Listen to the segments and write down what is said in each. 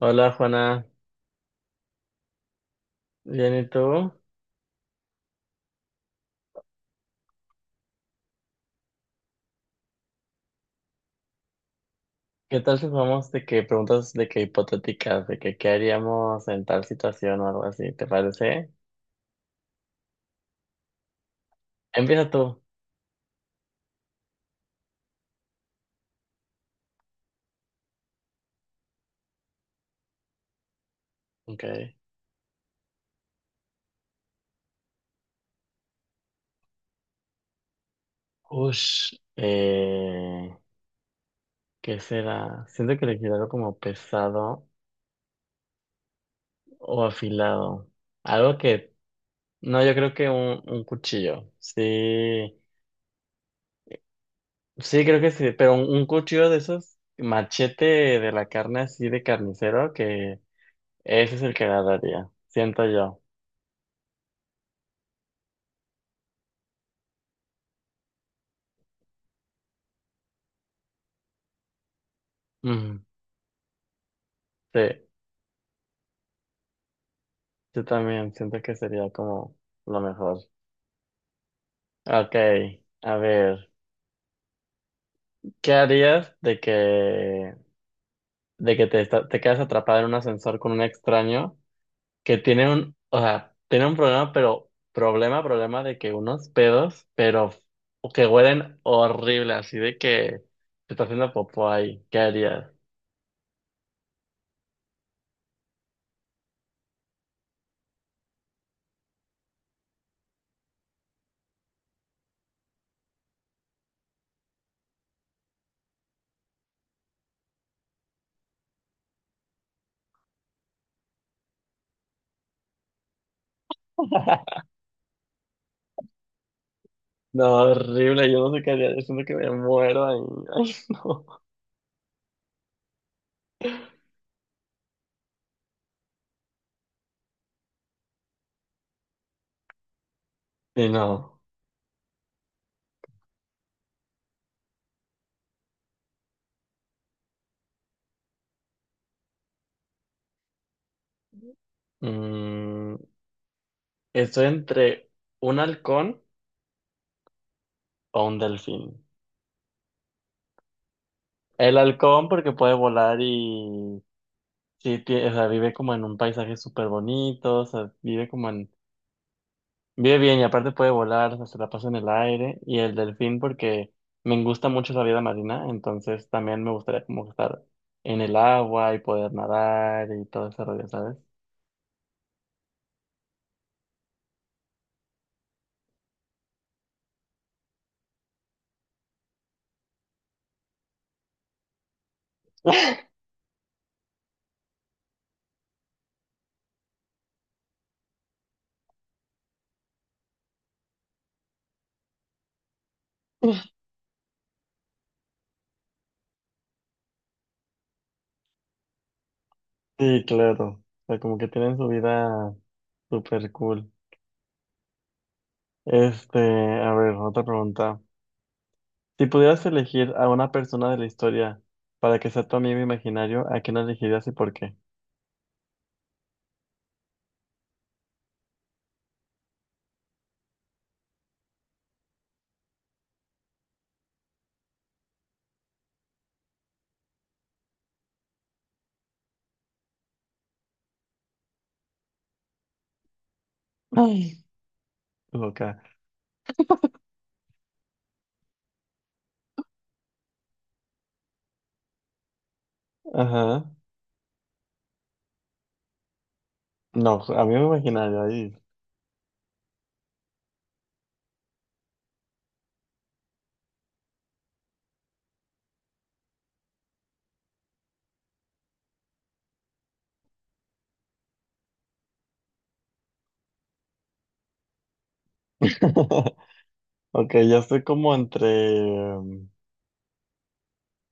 Hola Juana, ¿bien y tú? ¿Qué tal si vamos de que preguntas de que hipotéticas, de que qué haríamos en tal situación o algo así, ¿te parece? Empieza tú. Ok. Ush. ¿Qué será? Siento que elegir algo como pesado o afilado. Algo que, no, yo creo que un cuchillo. Sí, sí, creo que sí, pero un cuchillo de esos machete de la carne así de carnicero, que ese es el que agarraría, siento yo. Ujú. Sí, yo también siento que sería como lo mejor. Ok, a ver, ¿qué harías de que te, te quedas atrapada en un ascensor con un extraño que tiene un, o sea, tiene un problema, pero problema, problema de que unos pedos, pero que huelen horrible, así de que te está haciendo popó ahí, ¿qué harías? No, horrible, yo no sé qué haría, yo siento que me muero ahí. Ay, no. Y no. Mm, estoy entre un halcón o un delfín. El halcón porque puede volar y sí, o sea, vive como en un paisaje súper bonito, o sea, vive como en, vive bien y aparte puede volar, o sea, se la pasa en el aire. Y el delfín porque me gusta mucho la vida marina, entonces también me gustaría como estar en el agua y poder nadar y todo ese rollo, ¿sabes? Sí, claro. O sea, como que tienen su vida súper cool. Este, a ver, otra pregunta. Si pudieras elegir a una persona de la historia para que sea tu amigo imaginario, ¿a quién elegirías y por qué? Ay. Loca. Ajá. No, pues, amigo imaginario, ahí. Ok, yo estoy como entre, mm,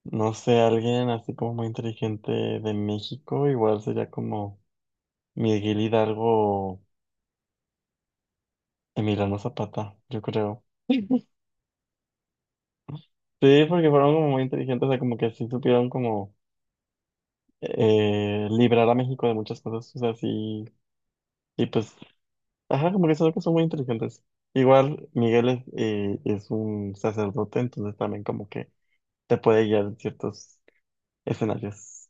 no sé, alguien así como muy inteligente de México, igual sería como Miguel Hidalgo, Emiliano Zapata, yo creo. Sí, porque fueron como muy inteligentes, o sea, como que sí supieron como librar a México de muchas cosas, o sea, sí, y pues ajá, como que son cosas muy inteligentes. Igual Miguel es un sacerdote, entonces también como que te puede guiar en ciertos escenarios.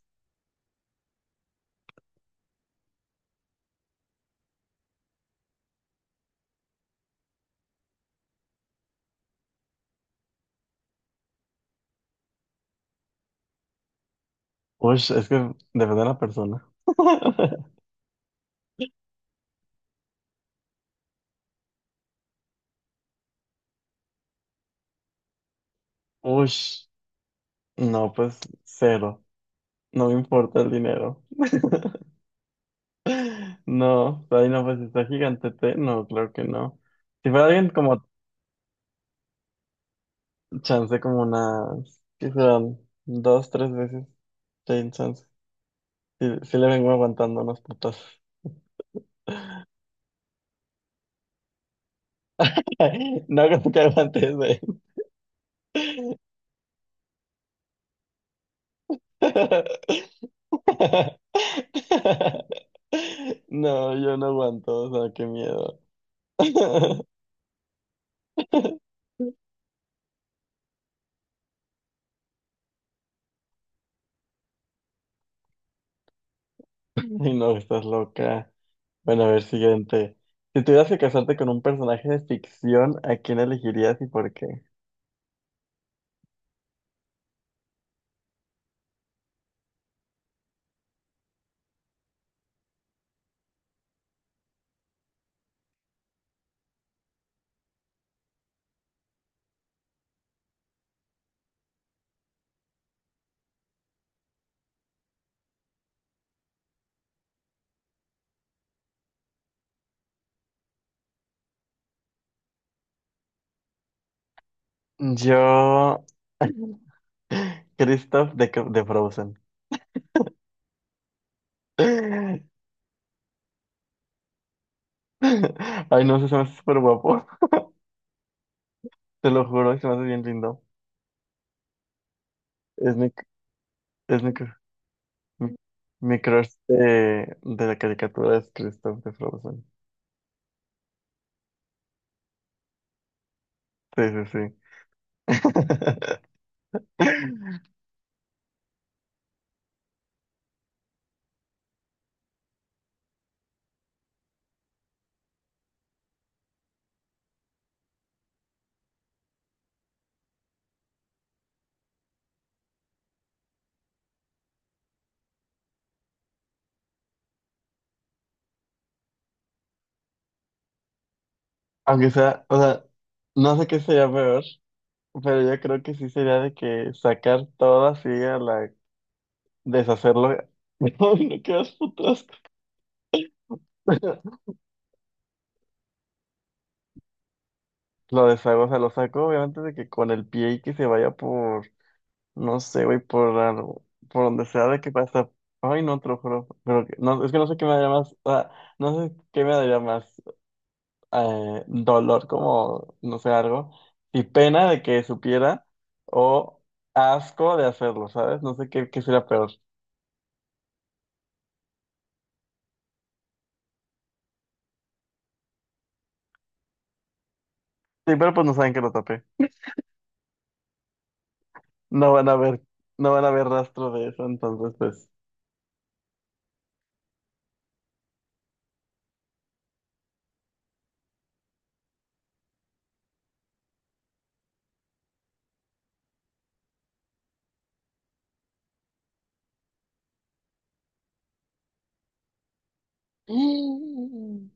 Uy, es que depende de la persona. Uy, no, pues cero. No me importa el dinero. No, ahí no, pues si está gigantete. No, claro que no. Si fuera alguien como chance, como unas, ¿qué serán? Dos, tres veces, ten chance. Si, le vengo aguantando unas putas. No creo que aguantes de No, yo no aguanto, o sea, qué miedo. Y no, estás loca. Bueno, a ver, siguiente. Si tuvieras que casarte con un personaje de ficción, ¿a quién elegirías y por qué? Yo, Kristoff de Frozen. Ay, no sé, se me hace súper guapo. Te lo juro, se me hace bien lindo. Es mi, es mi Mi mi crush de la caricatura es Kristoff de Frozen. Sí, sí, sí. Aunque sea, o sea, no sé qué sería peor, pero yo creo que sí sería de que sacar todo así a la deshacerlo. No, no quedas putrasco. Lo deshago, o sea, lo saco obviamente de que con el pie y que se vaya por, no sé, güey, por algo, por donde sea de que pasa. Ay, no, te lo juro, pero no, es que no sé qué me daría más, o sea, no sé qué me daría más. Dolor como, no sé, algo, y pena de que supiera, o asco de hacerlo, ¿sabes? No sé qué, qué sería peor. Sí, pero pues no saben que lo tapé. No van a ver, no van a ver rastro de eso, entonces pues. Mm.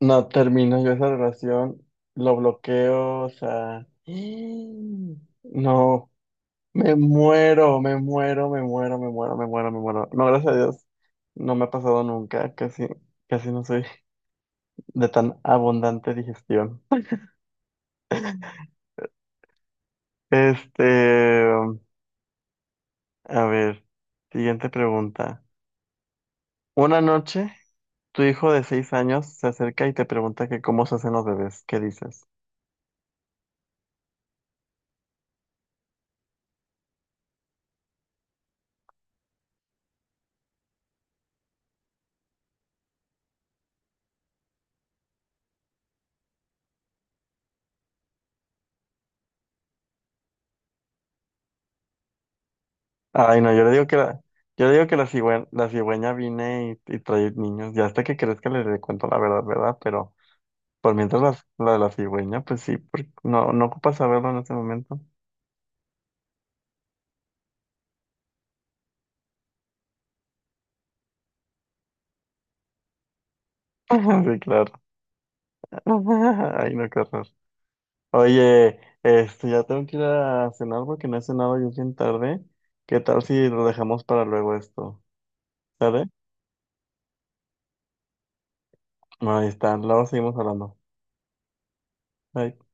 No termino yo esa relación, lo bloqueo, o sea. Mm. No, me muero, me muero, me muero, me muero, me muero, me muero No, gracias a Dios, no me ha pasado nunca, casi, casi no soy de tan abundante digestión. Este, a ver, siguiente pregunta. Una noche, tu hijo de 6 años se acerca y te pregunta que cómo se hacen los bebés. ¿Qué dices? Ay, no, yo le digo que la, yo le digo que la la cigüeña viene y trae niños. Ya hasta que crezca le cuento la verdad, ¿verdad? Pero por mientras la de la cigüeña, pues sí, porque no, no ocupa saberlo en ese momento. Sí, claro. Ay, no, qué horror. Oye, este, ya tengo que ir a cenar porque no he cenado y es bien tarde. ¿Qué tal si lo dejamos para luego esto? ¿Sale? No, ahí está, luego seguimos hablando. Bye.